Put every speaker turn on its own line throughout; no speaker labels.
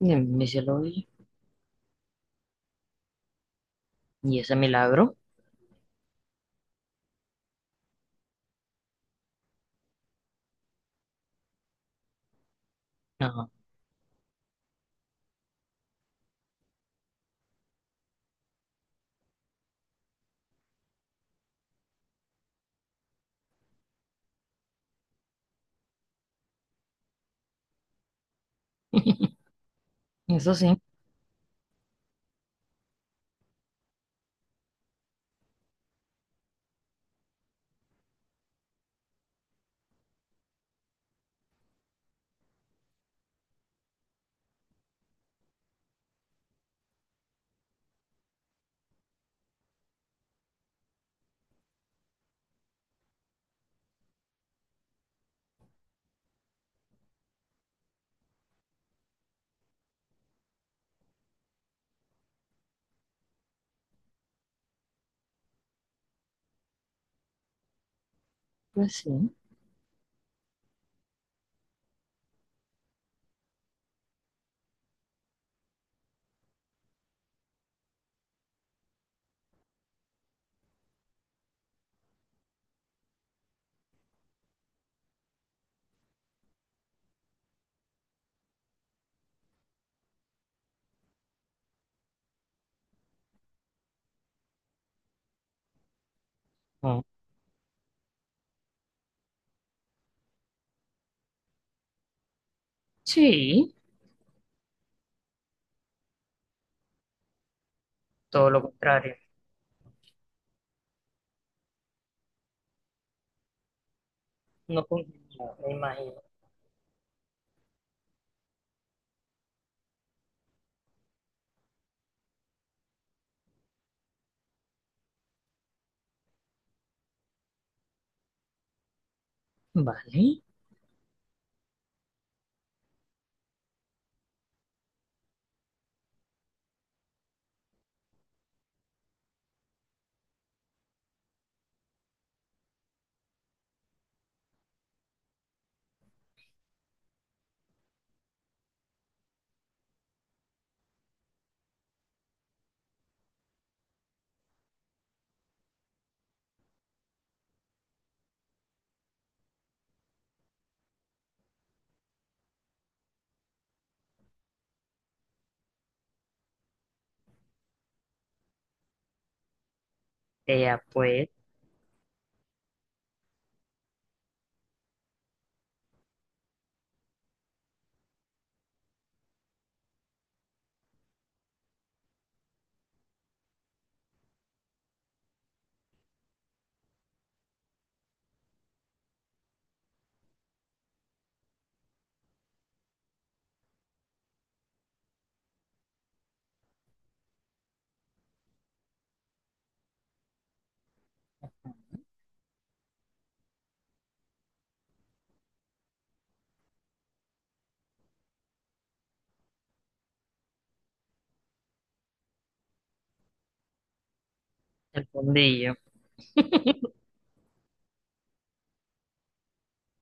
Y a mí se lo vi. Y ese milagro, ajá. Eso sí, pues sí. Ah, sí, todo lo contrario. No confundía, me imagino. Vale, ella pues, el fondillo.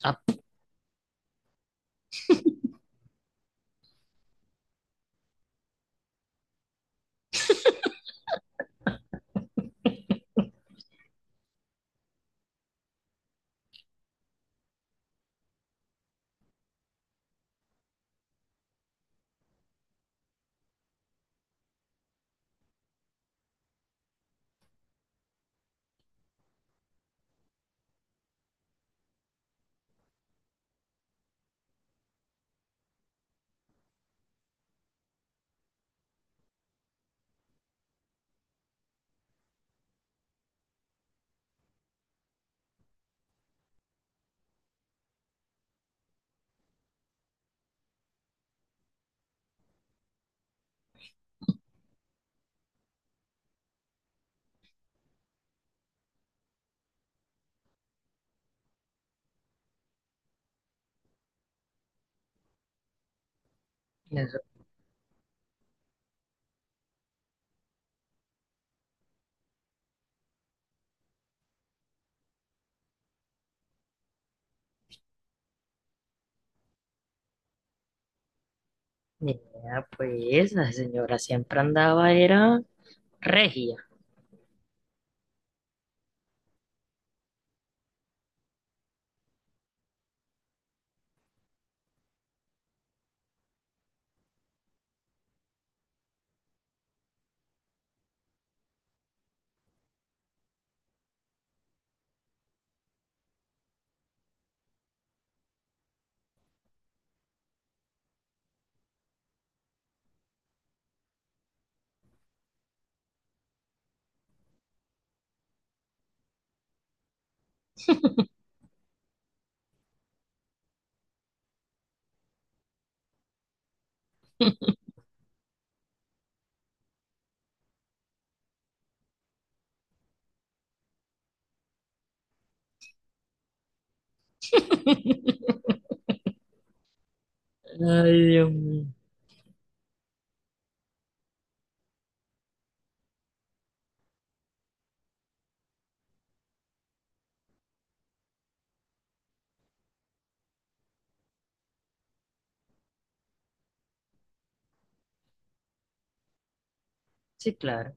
Ah, eso. Ella pues, la señora siempre andaba, era regia. Ay, Dios mío. Sí, claro,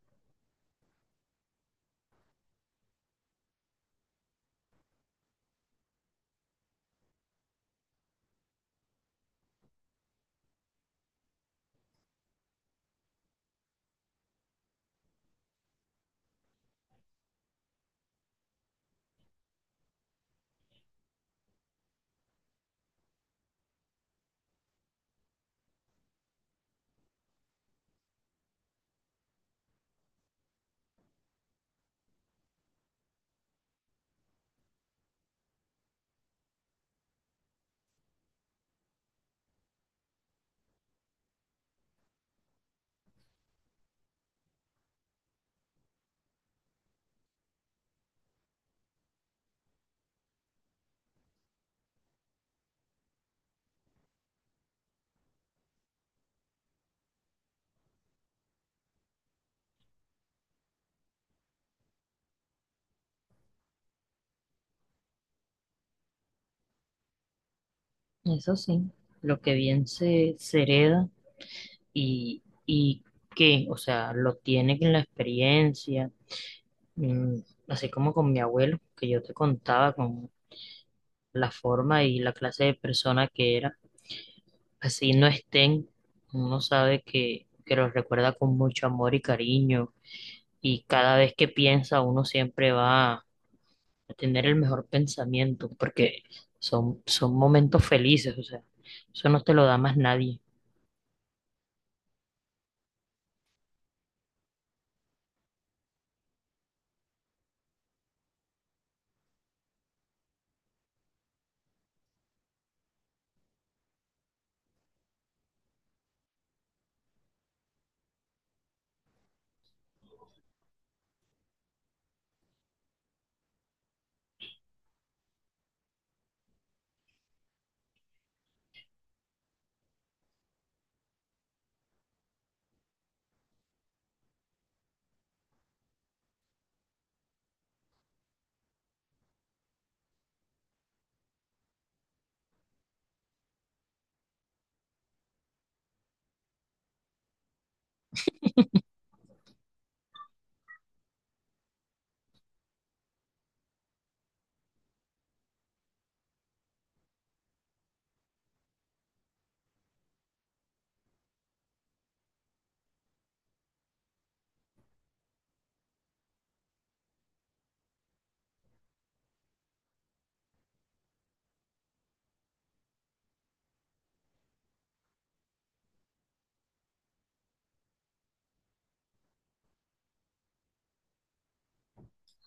eso sí, lo que bien se hereda y qué, o sea, lo tiene en la experiencia, mm, así como con mi abuelo, que yo te contaba con la forma y la clase de persona que era. Así no estén, uno sabe que los recuerda con mucho amor y cariño, y cada vez que piensa uno siempre va a tener el mejor pensamiento, porque son momentos felices, o sea, eso no te lo da más nadie.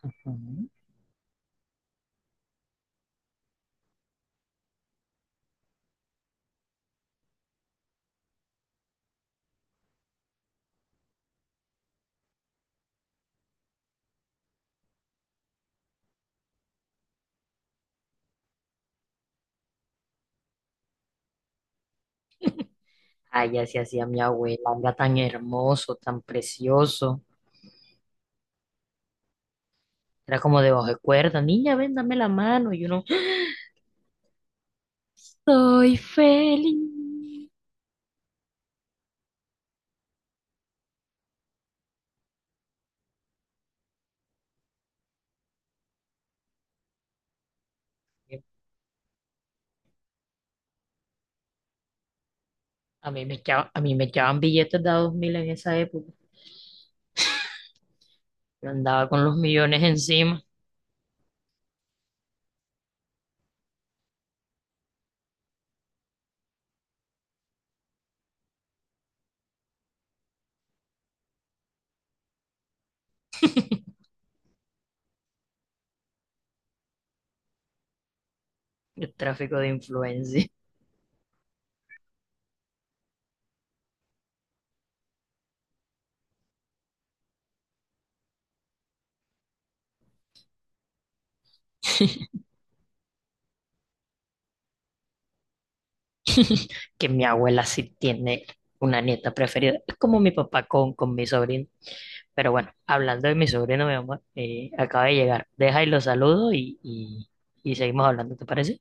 Ujú. Ay, así hacía mi abuela, era tan hermoso, tan precioso. Era como de bajo de cuerda, niña, ven, dame la mano. Y uno, soy feliz. A mí me echaban, a mí me echaban billetes de a 2000 en esa época. Yo andaba con los millones encima. El tráfico de influencia. Que mi abuela sí tiene una nieta preferida. Es como mi papá con mi sobrino. Pero bueno, hablando de mi sobrino, mi amor, acaba de llegar. Deja y lo saludo y seguimos hablando, ¿te parece?